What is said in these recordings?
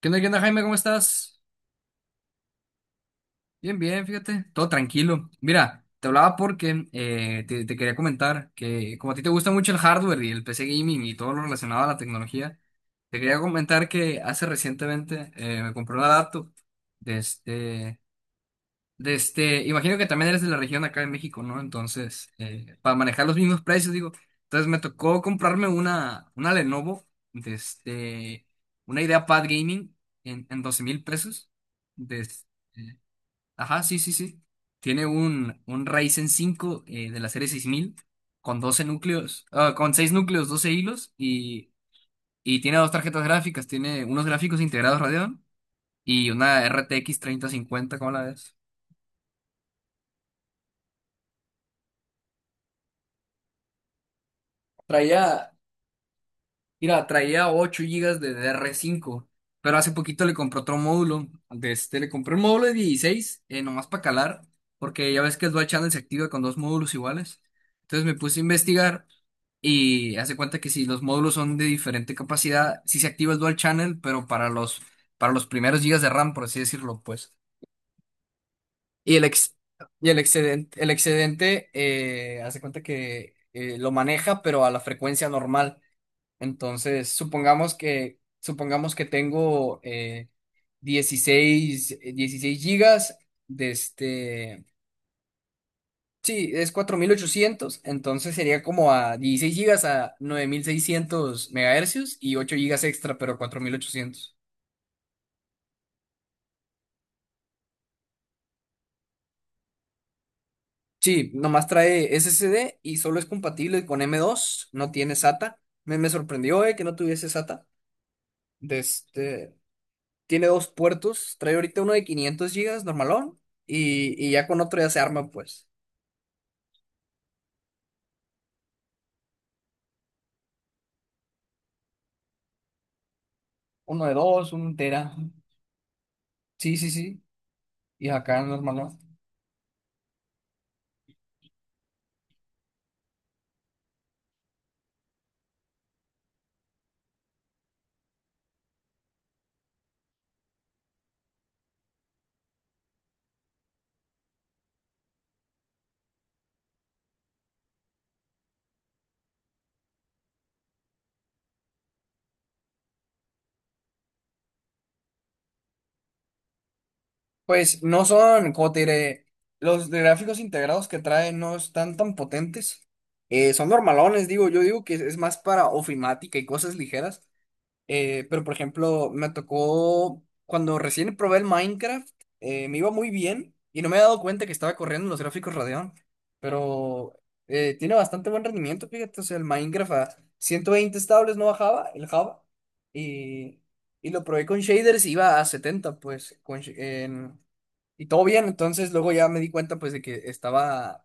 Qué onda, Jaime? ¿Cómo estás? Bien, bien, fíjate, todo tranquilo. Mira, te hablaba porque te quería comentar que como a ti te gusta mucho el hardware y el PC gaming y todo lo relacionado a la tecnología, te quería comentar que hace recientemente me compré una laptop. Imagino que también eres de la región acá en México, ¿no? Entonces, para manejar los mismos precios, digo, entonces me tocó comprarme una Lenovo, de este, una IdeaPad Gaming en $12,000. De este, ajá, sí, sí, sí. Tiene un Ryzen 5 de la serie 6000 con 12 núcleos, ah, con 6 núcleos, 12 hilos y tiene dos tarjetas gráficas, tiene unos gráficos integrados Radeon y una RTX 50. ¿Cómo la ves? Traía Mira, traía 8 gigas de dr cinco, pero hace poquito le compré otro módulo. Le compré un módulo de 16, nomás para calar, porque ya ves que el Dual Channel se activa con dos módulos iguales. Entonces me puse a investigar y hace cuenta que si los módulos son de diferente capacidad, sí se activa el Dual Channel, pero para los primeros gigas de RAM, por así decirlo, pues. Y el, ex, y el excedente, hace cuenta que lo maneja, pero a la frecuencia normal. Entonces, supongamos que tengo 16 16 gigas. de este... Sí, es 4800, entonces sería como a 16 gigas a 9600 MHz y 8 gigas extra, pero 4800. Sí, nomás trae SSD y solo es compatible con M.2, no tiene SATA. Me sorprendió que no tuviese SATA. De este, Tiene dos puertos, trae ahorita uno de 500 gigas normalón y ya con otro ya se arma pues. Uno de dos, un tera. Sí, sí, sí. Y acá normalón. Pues no son, como te diré, los de gráficos integrados que trae no están tan potentes. Son normalones, digo, yo digo que es más para ofimática y cosas ligeras. Pero por ejemplo, me tocó cuando recién probé el Minecraft, me iba muy bien y no me había dado cuenta que estaba corriendo en los gráficos Radeon. Pero tiene bastante buen rendimiento, fíjate. O sea, el Minecraft a 120 estables no bajaba, el Java. Y, y lo probé con shaders, y iba a 70 pues. Y todo bien, entonces luego ya me di cuenta, pues, de que estaba.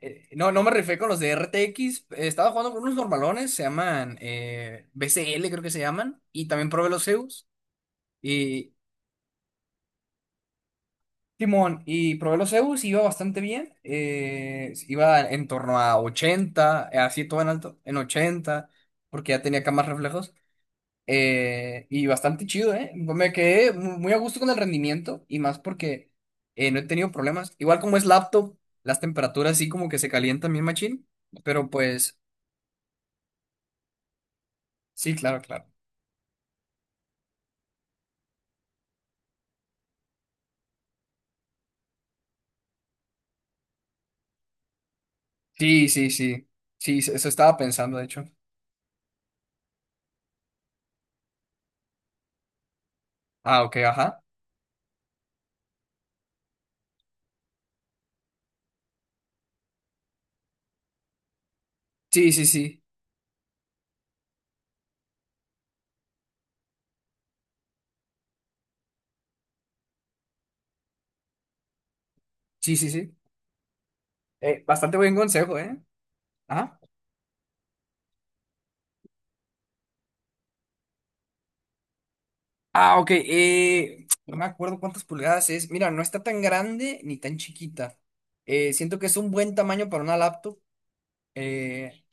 No, no me refiero con los de RTX. Estaba jugando con unos normalones, se llaman BCL creo que se llaman. Y también probé los Zeus. Y Timón, y probé los Zeus, iba bastante bien. Iba en torno a 80, así todo en alto, en 80, porque ya tenía acá más reflejos. Y bastante chido, ¿eh? Me quedé muy a gusto con el rendimiento y más porque no he tenido problemas. Igual como es laptop, las temperaturas sí como que se calientan bien machín, pero pues sí, claro, claro. Sí, sí, sí. Sí, eso estaba pensando, de hecho. Ah, ok, ajá. Sí, sí, sí. Sí, sí, sí. Bastante buen consejo, ¿eh? Ajá. Ah, ok. No me acuerdo cuántas pulgadas es. Mira, no está tan grande ni tan chiquita. Siento que es un buen tamaño para una laptop. Eh,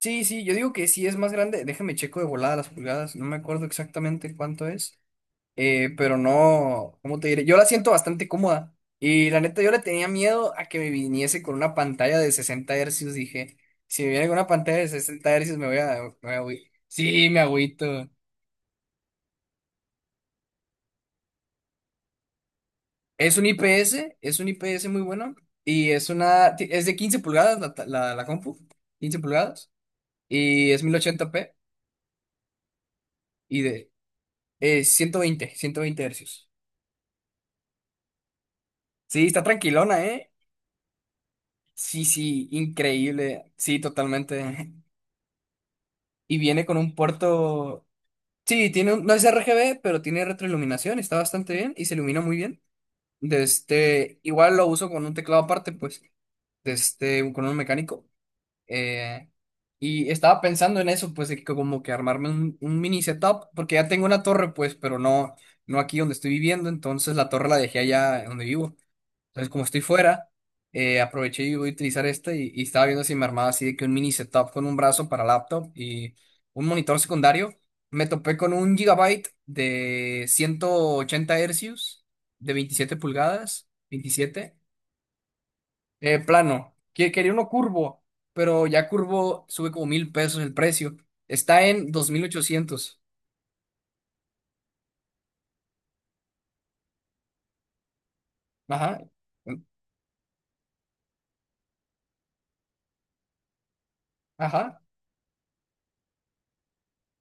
sí, sí, yo digo que sí es más grande. Déjame checo de volada las pulgadas. No me acuerdo exactamente cuánto es. Pero no, ¿cómo te diré? Yo la siento bastante cómoda. Y la neta, yo le tenía miedo a que me viniese con una pantalla de 60 hercios. Dije, si me viene con una pantalla de 60 hercios, Me voy. Sí, me agüito. Es un IPS, es un IPS muy bueno. Es de 15 pulgadas la compu. 15 pulgadas. Y es 1080p. Y de... 120 hercios. Sí, está tranquilona, ¿eh? Sí, sí, increíble. Sí, totalmente. Y viene con un puerto. Sí, no es RGB, pero tiene retroiluminación, está bastante bien y se ilumina muy bien. Igual lo uso con un teclado aparte, pues, con un mecánico. Eh, y estaba pensando en eso, pues, de que como que armarme un mini setup, porque ya tengo una torre, pues, pero no, no aquí donde estoy viviendo, entonces la torre la dejé allá donde vivo. Entonces, como estoy fuera, aproveché y voy a utilizar esta y estaba viendo si me armaba así de que un mini setup con un brazo para laptop y un monitor secundario. Me topé con un gigabyte de 180 hercios de 27 pulgadas, 27, plano. Quería uno curvo, pero ya curvo sube como $1,000 el precio. Está en 2800. Ajá, ajá,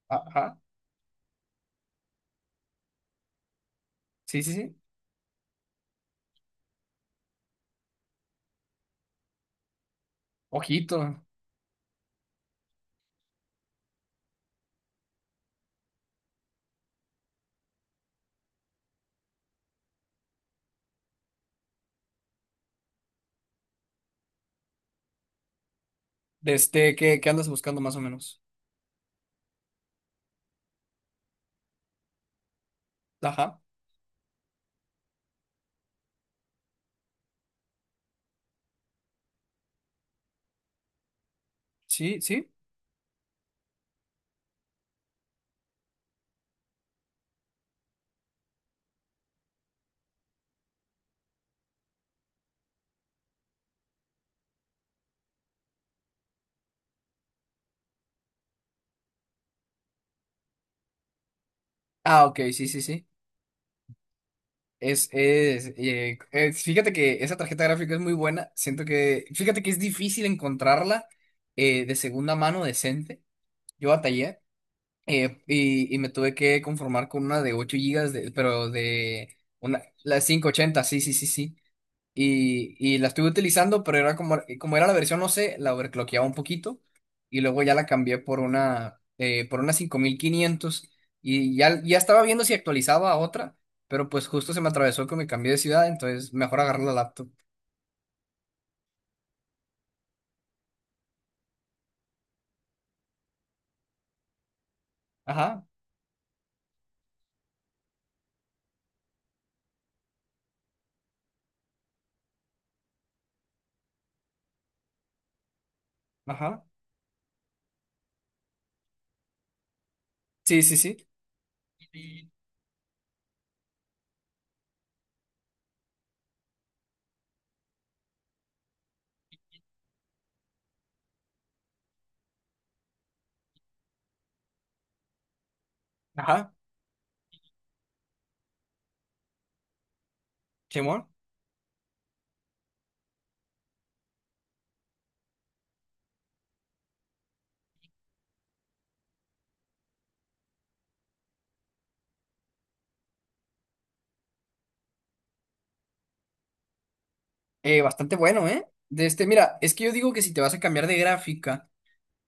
ajá. Sí, sí, sí. Ojito. ¿Qué andas buscando más o menos? Ajá. Sí, sí. Ah, ok, sí, sí, sí. Fíjate que esa tarjeta gráfica es muy buena. Fíjate que es difícil encontrarla de segunda mano decente. Yo batallé, y me tuve que conformar con una de 8 gigas, pero de una, la 580. Sí, sí, sí, sí. Y la estuve utilizando, pero era como, como era la versión, no sé, la overclockeaba un poquito y luego ya la cambié por una, por una 5500. Y ya estaba viendo si actualizaba a otra, pero pues justo se me atravesó que me cambié de ciudad, entonces mejor agarré la laptop. Ajá, ajá, sí, sí, sí. Ajá, Simón. Bastante bueno, ¿eh? Mira, es que yo digo que si te vas a cambiar de gráfica,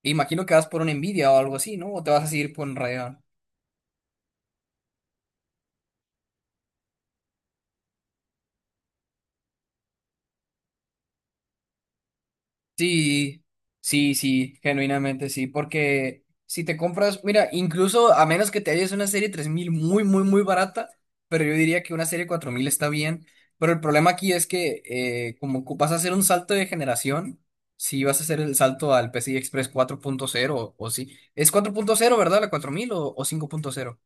imagino que vas por una Nvidia o algo así, ¿no? O te vas a seguir por un Radeon. Sí, sí, sí, genuinamente sí, porque si te compras, mira, incluso a menos que te hayas una serie 3000 muy, muy, muy barata, pero yo diría que una serie 4000 está bien, pero el problema aquí es que vas a hacer un salto de generación, si vas a hacer el salto al PCI Express 4.0 o sí, es 4.0, ¿verdad? La 4000 o 5.0.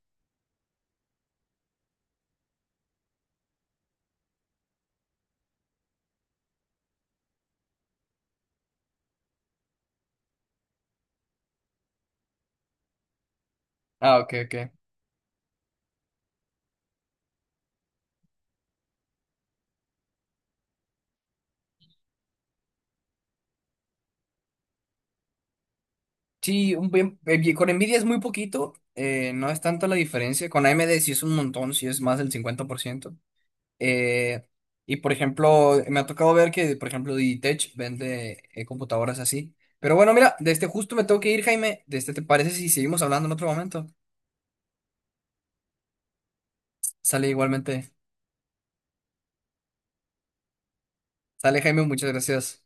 Ah, ok, ok. Sí, con Nvidia es muy poquito, no es tanto la diferencia, con AMD sí es un montón, sí es más del 50%. Eh, y por ejemplo, me ha tocado ver que, por ejemplo, Digitech vende computadoras así. Pero bueno, mira, de este justo me tengo que ir, Jaime. ¿Te parece si seguimos hablando en otro momento? Sale igualmente. Sale, Jaime, muchas gracias.